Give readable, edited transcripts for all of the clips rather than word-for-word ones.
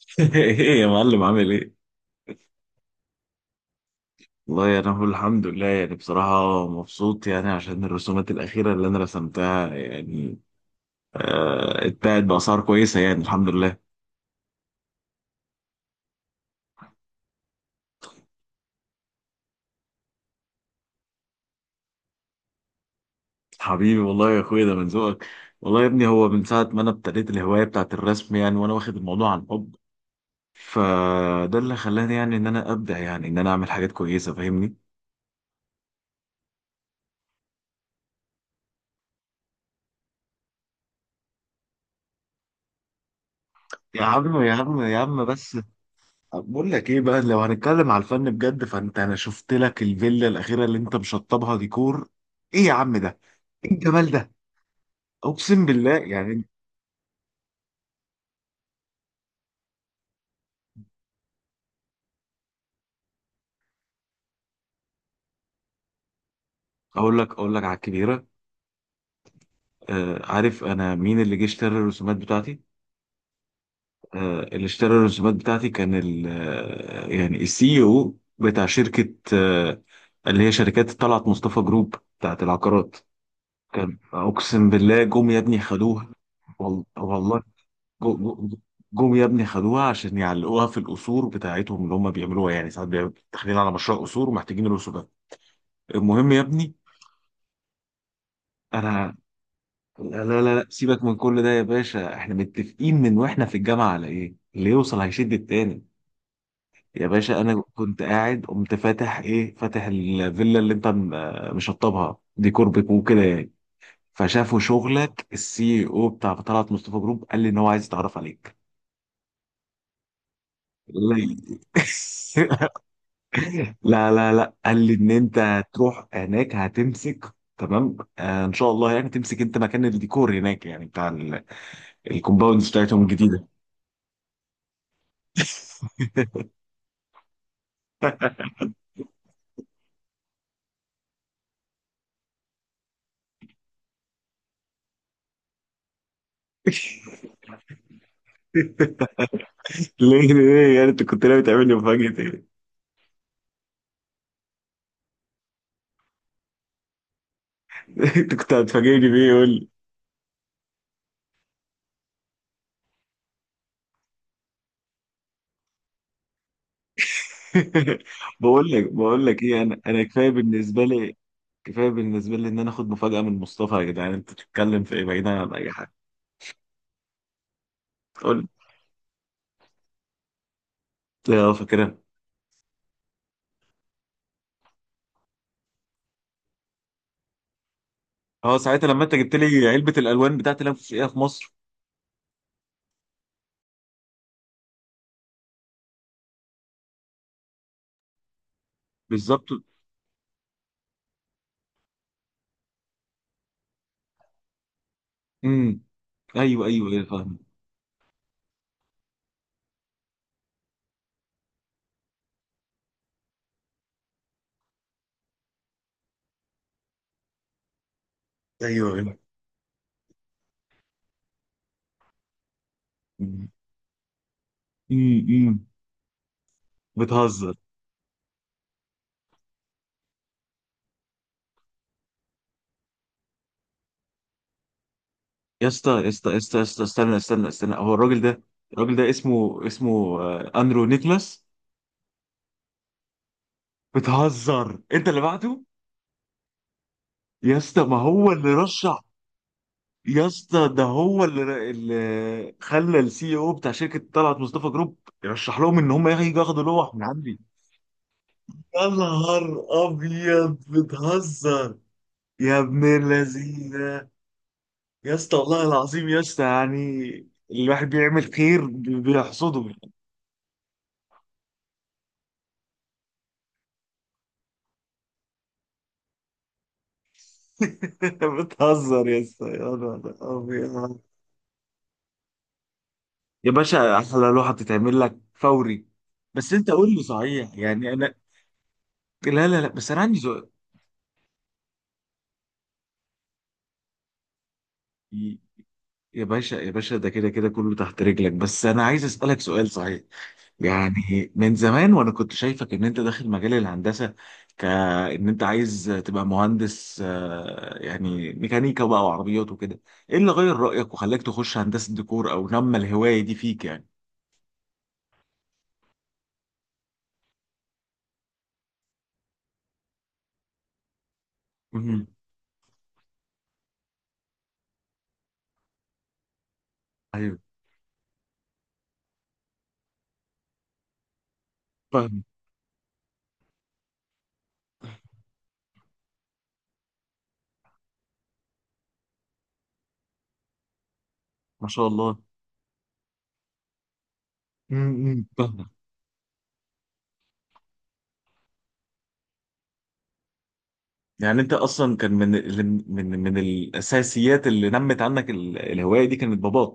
ايه يا معلم، عامل ايه؟ والله انا بقول الحمد لله، يعني بصراحة مبسوط، يعني عشان الرسومات الأخيرة اللي انا رسمتها يعني اتباعت بأسعار كويسة، يعني الحمد لله. حبيبي، والله يا اخويا ده من ذوقك. والله يا ابني هو من ساعة ما انا ابتديت الهواية بتاعت الرسم يعني، وانا واخد الموضوع عن حب، فده اللي خلاني يعني ان انا ابدع، يعني ان انا اعمل حاجات كويسة. فاهمني؟ يا عم يا عم يا عم بس. طب بقول لك ايه بقى، لو هنتكلم على الفن بجد فانت، انا شفت لك الفيلا الاخيره اللي انت مشطبها ديكور. ايه يا عم ده! ايه الجمال ده! اقسم بالله يعني. اقول لك على الكبيره. آه، عارف انا مين اللي جه اشترى الرسومات بتاعتي؟ آه، اللي اشترى الرسومات بتاعتي كان ال آه، يعني السي او بتاع شركه، اللي هي شركات طلعت مصطفى جروب، بتاعت العقارات. كان، اقسم بالله، جم يا ابني خدوها. والله. جو- جو- جم يا ابني خدوها، عشان يعلقوها في القصور بتاعتهم، اللي هم بيعملوها يعني. ساعات بيعملوا داخلين على مشروع قصور، ومحتاجين القصور ده. المهم يا ابني. انا، لا لا لا لا، سيبك من كل ده يا باشا، احنا متفقين من واحنا في الجامعة على ايه اللي يوصل هيشد التاني. يا باشا، انا كنت قاعد، قمت فاتح، ايه، فاتح الفيلا اللي انت مشطبها ديكور، بيكون وكده يعني. فشافوا شغلك، السي او بتاع طلعت مصطفى جروب قال لي ان هو عايز يتعرف عليك. لا. لا لا لا، قال لي ان انت هتروح هناك هتمسك. تمام، آه ان شاء الله، يعني تمسك انت مكان الديكور هناك، يعني بتاع الكومباوندز بتاعتهم الجديده. ليه ليه يعني؟ انت كنت ناوي تعمل لي مفاجاه ايه؟ انت كنت هتفاجئني بيه، يقول لي. بقول لك ايه، انا كفايه بالنسبه لي، كفايه بالنسبه لي ان انا اخد مفاجاه من مصطفى. يا جدعان انت بتتكلم في ايه، بعيدا عن اي حاجه؟ قلت. اه، فاكرها. اه، ساعتها لما انت جبت لي علبه الالوان بتاعت اللي انا كنت شاريها في مصر. بالظبط. امم. ايوه ايوه ايوه، فاهم. ايوه ايوه. مم. امم. بتهزر! يا اسطى يا اسطى يا اسطى يا اسطى، استنى استنى استنى، هو الراجل ده، الراجل ده اسمه اندرو نيكلاس. بتهزر! انت اللي بعته؟ يا اسطى، ما هو اللي رشح. يا اسطى ده هو اللي خلى السي او بتاع شركه طلعت مصطفى جروب يرشح لهم ان هم يجوا ياخدوا لوح من عندي. يا نهار ابيض، بتهزر! يا ابن اللذين! يا اسطى، والله العظيم يا اسطى، يعني الواحد بيعمل خير بيحصده. بتهزر يا اسطى! يا نهار أبيض. يا باشا، احلى لوحه بتتعمل لك فوري. بس انت قول لي صحيح، يعني انا، لا لا لا، بس انا عندي سؤال. ي- يا باشا يا باشا، ده كده كده كله تحت رجلك، بس انا عايز اسالك سؤال صحيح. يعني من زمان وانا كنت شايفك ان انت داخل مجال الهندسه، كان انت عايز تبقى مهندس، يعني ميكانيكا بقى وعربيات وكده. ايه اللي غير رايك وخلاك تخش هندسه ديكور، او نمى الهوايه دي فيك يعني؟ مهم. ايوه فاهم. ما شاء الله. مهم. فاهم. يعني انت اصلا كان من من الاساسيات اللي نمت عنك الهوايه دي، كانت باباك.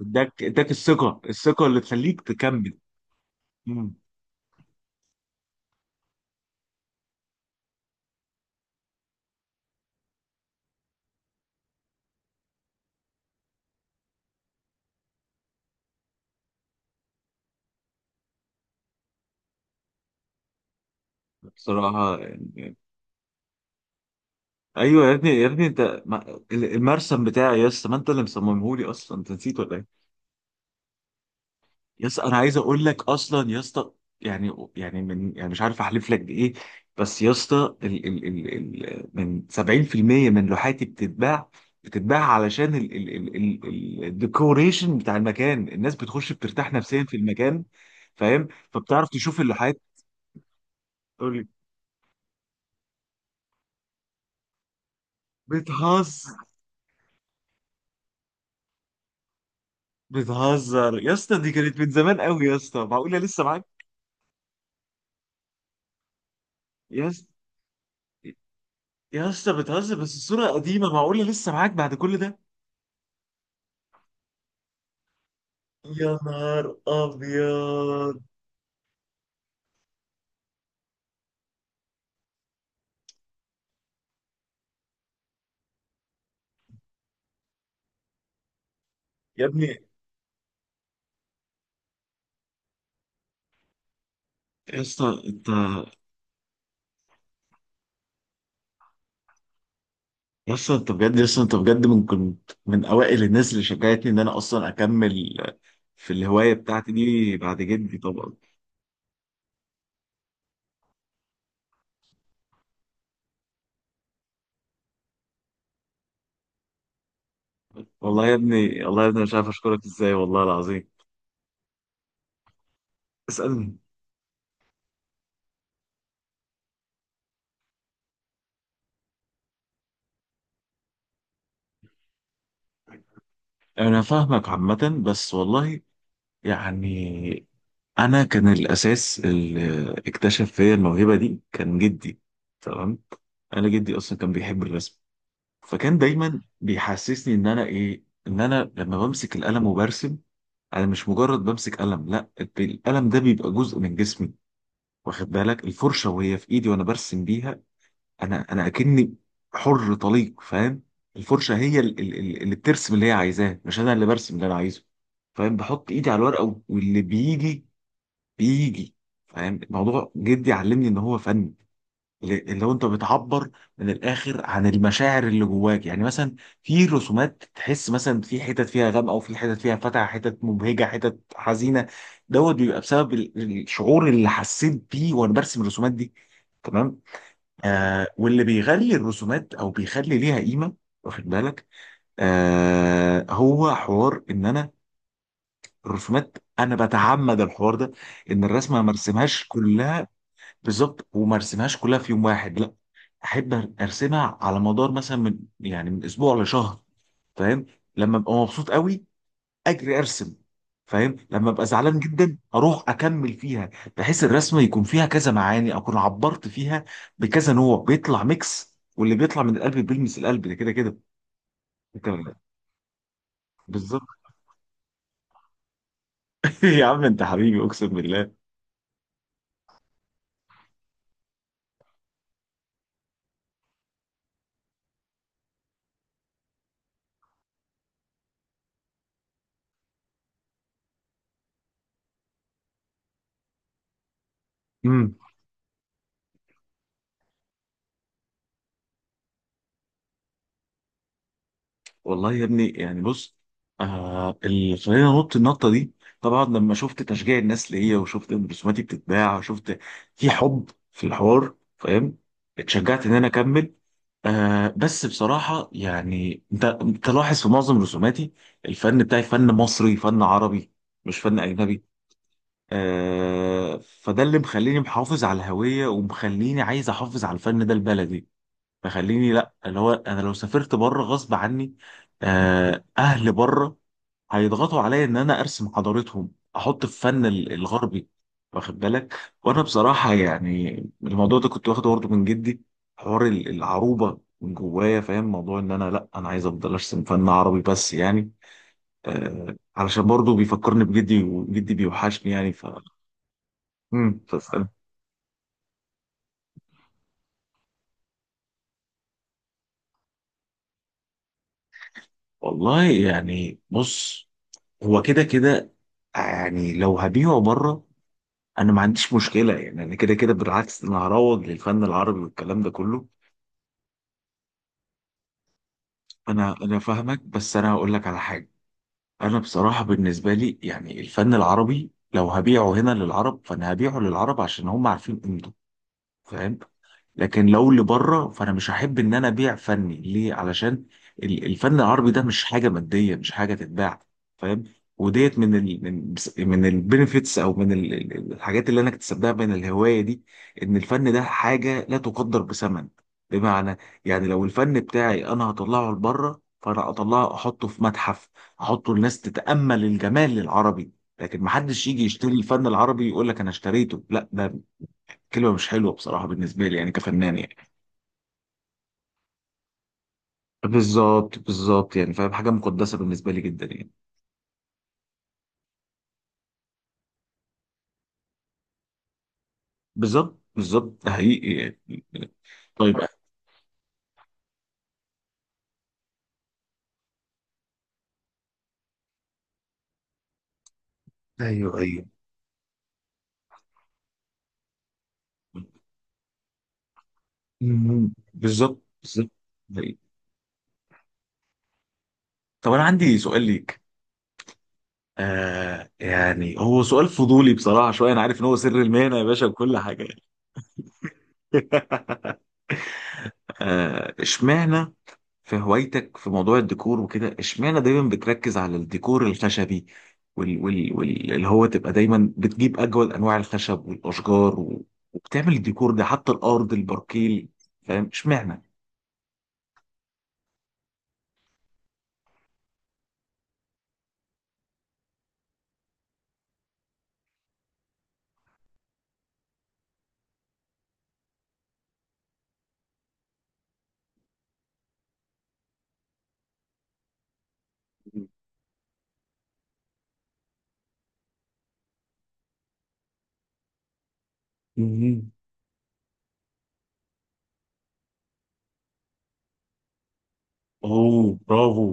اداك الثقه، الثقه اللي تخليك تكمل. مم. بصراحه. ايوه يا ابني، يا ابني انت، المرسم بتاعي يا اسطى، ما انت اللي مصممه لي اصلا. انت نسيت ولا ايه؟ يا اسطى انا عايز اقول لك اصلا يا اسطى، يعني من، يعني مش عارف احلف لك بايه، بس يا اسطى ال ال ال ال من 70% من لوحاتي بتتباع، بتتباع علشان الديكوريشن بتاع المكان، الناس بتخش بترتاح نفسيا في المكان، فاهم؟ فبتعرف تشوف اللوحات. تقول لي. بتهزر! بتهزر يا اسطى، دي كانت من زمان قوي يا اسطى، معقوله لسه معاك؟ يا اسطى يا اسطى بتهزر، بس الصورة قديمة، معقولة لسه معاك بعد كل ده؟ يا نهار ابيض. يا ابني. يا اسطى انت، يا اسطى انت بجد، يا اسطى انت بجد، من كنت من اوائل الناس اللي شجعتني ان انا اصلا اكمل في الهواية بتاعتي دي، بعد جدي طبعا. والله يا ابني، والله يا ابني، مش عارف اشكرك ازاي، والله العظيم. اسألني. انا فاهمك عامة، بس والله يعني، انا كان الاساس اللي اكتشف فيا الموهبه دي كان جدي. تمام. انا جدي اصلا كان بيحب الرسم، فكان دايما بيحسسني ان انا ايه، ان انا لما بمسك القلم وبرسم، انا مش مجرد بمسك قلم، لا، القلم ده بيبقى جزء من جسمي. واخد بالك؟ الفرشه وهي في ايدي وانا برسم بيها، انا اكني حر طليق. فاهم؟ الفرشه هي اللي بترسم اللي هي عايزاه، مش انا اللي برسم اللي انا عايزه. فاهم؟ بحط ايدي على الورقه، واللي بيجي بيجي. فاهم؟ الموضوع جدي علمني ان هو فن، اللي هو انت بتعبر من الاخر عن المشاعر اللي جواك. يعني مثلا في رسومات تحس، مثلا في حتت فيها غامقه، وفي حتت فيها فاتحه، حتت مبهجه، حتت حزينه، دوت بيبقى بسبب الشعور اللي حسيت بيه وانا برسم الرسومات دي. تمام. واللي بيغلي الرسومات او بيخلي ليها قيمه، واخد بالك، هو حوار ان انا الرسومات، انا بتعمد الحوار ده، ان الرسمه ما ارسمهاش كلها. بالظبط. وما ارسمهاش كلها في يوم واحد، لا، احب ارسمها على مدار مثلا، من، يعني من اسبوع لشهر، فاهم؟ لما ابقى مبسوط قوي، اجري ارسم، فاهم؟ لما ابقى زعلان جدا، اروح اكمل فيها، بحيث الرسمه يكون فيها كذا معاني، اكون عبرت فيها بكذا نوع، بيطلع ميكس، واللي بيطلع من القلب بيلمس القلب، ده كده كده. انت. بالظبط. يا عم انت حبيبي، اقسم بالله. مم. والله يا ابني، يعني بص، اللي خلاني انط النطه دي، طبعا لما شفت تشجيع الناس ليا، وشفت ان رسوماتي بتتباع، وشفت في حب في الحوار، فاهم، اتشجعت ان انا اكمل. بس بصراحه يعني، انت لاحظ في معظم رسوماتي، الفن بتاعي فن مصري، فن عربي، مش فن اجنبي. فده اللي مخليني محافظ على الهويه، ومخليني عايز احافظ على الفن ده البلدي، فخليني، لا، اللي هو انا لو سافرت بره غصب عني، اهل بره هيضغطوا عليا ان انا ارسم حضارتهم، احط في فن الغربي. واخد بالك؟ وانا بصراحه يعني الموضوع ده كنت واخده برضه من جدي، حوار العروبه من جوايا. فاهم؟ موضوع ان انا، لا، انا عايز افضل ارسم فن عربي بس، يعني علشان برضه بيفكرني بجدي، وجدي بيوحشني يعني، ف. مم. والله يعني بص، هو كده كده، يعني لو هبيعه بره انا ما عنديش مشكله. يعني انا كده كده بالعكس، انا هروج للفن العربي والكلام ده كله. انا فاهمك، بس انا هقول لك على حاجه. انا بصراحه بالنسبه لي يعني، الفن العربي لو هبيعه هنا للعرب، فانا هبيعه للعرب عشان هم عارفين قيمته. فاهم؟ لكن لو اللي بره، فانا مش هحب ان انا ابيع فني ليه، علشان الفن العربي ده مش حاجه ماديه، مش حاجه تتباع. فاهم؟ وديت من البنفيتس، او من الحاجات اللي انا اكتسبتها من الهوايه دي، ان الفن ده حاجه لا تقدر بثمن. بمعنى، يعني لو الفن بتاعي انا هطلعه لبره، فانا اطلعه احطه في متحف، احطه الناس تتامل الجمال العربي، لكن محدش يجي يشتري الفن العربي يقول لك انا اشتريته، لا، ده كلمه مش حلوه بصراحه بالنسبه لي، يعني كفنان يعني. بالظبط بالظبط يعني، فاهم؟ حاجه مقدسه بالنسبه لي جدا يعني. بالظبط بالظبط، ده حقيقي يعني. طيب. ايوه ايوه. مم. بالظبط بالظبط. ده حقيقي. طب انا عندي سؤال ليك. يعني هو سؤال فضولي بصراحه شويه، انا عارف ان هو سر المهنه يا باشا وكل حاجه. اشمعنى في هوايتك، في موضوع الديكور وكده، اشمعنى دايما بتركز على الديكور الخشبي، وال وال وال اللي هو تبقى دايما بتجيب اجمل انواع الخشب والاشجار وبتعمل الديكور ده، حتى الارض الباركيل. فاهم؟ اشمعنى؟ مهم. اوه، برافو.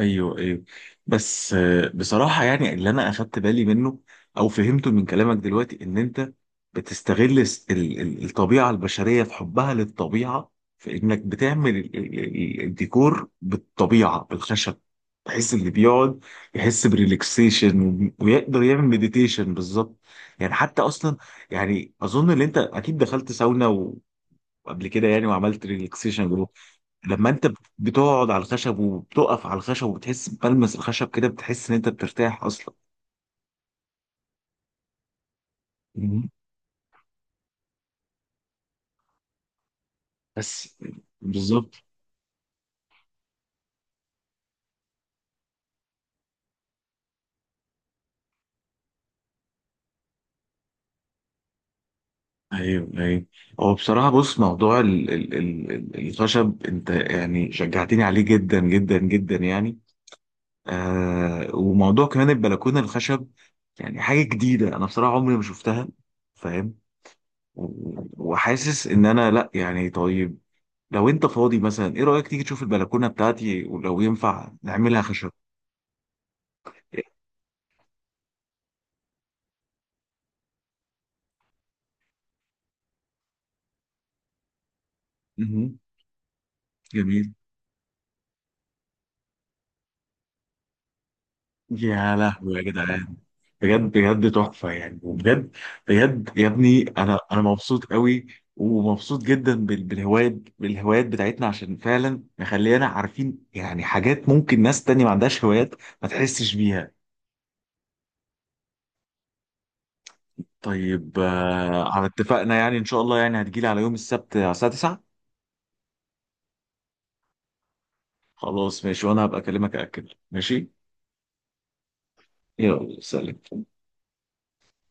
ايوه ايوه. بس بصراحه يعني، اللي انا اخدت بالي منه او فهمته من كلامك دلوقتي، ان انت بتستغل الطبيعه البشريه في حبها للطبيعه، في انك بتعمل الديكور بالطبيعه بالخشب، بحيث اللي بيقعد يحس بريلاكسيشن، ويقدر يعمل مديتيشن بالظبط. يعني حتى اصلا، يعني اظن ان انت اكيد دخلت ساونا وقبل كده يعني، وعملت ريلاكسيشن. لما انت بتقعد على الخشب، وبتقف على الخشب، وبتحس بلمس الخشب كده، بتحس ان انت بترتاح اصلا. مم. بس. بالظبط. ايوه ايوه. هو بصراحه بص، موضوع الخشب انت يعني شجعتني عليه جدا جدا جدا يعني. وموضوع كمان البلكونه الخشب، يعني حاجه جديده، انا بصراحه عمري ما شفتها. فاهم؟ و- وحاسس ان انا لا يعني. طيب، لو انت فاضي مثلا، ايه رايك تيجي تشوف البلكونه بتاعتي ولو ينفع نعملها خشب؟ مهم. جميل. يا لهوي يا جدعان! بجد بجد تحفة يعني، وبجد بجد يا ابني، أنا مبسوط قوي، ومبسوط جدا بالهوايات، بالهوايات بتاعتنا، عشان فعلا مخلينا عارفين يعني حاجات ممكن ناس تانية ما عندهاش هوايات ما تحسش بيها. طيب، على اتفقنا يعني إن شاء الله، يعني هتجيلي على يوم السبت على الساعة 9. خلاص ماشي، وأنا هبقى أكلمك أأكد. ماشي يلا، سلام.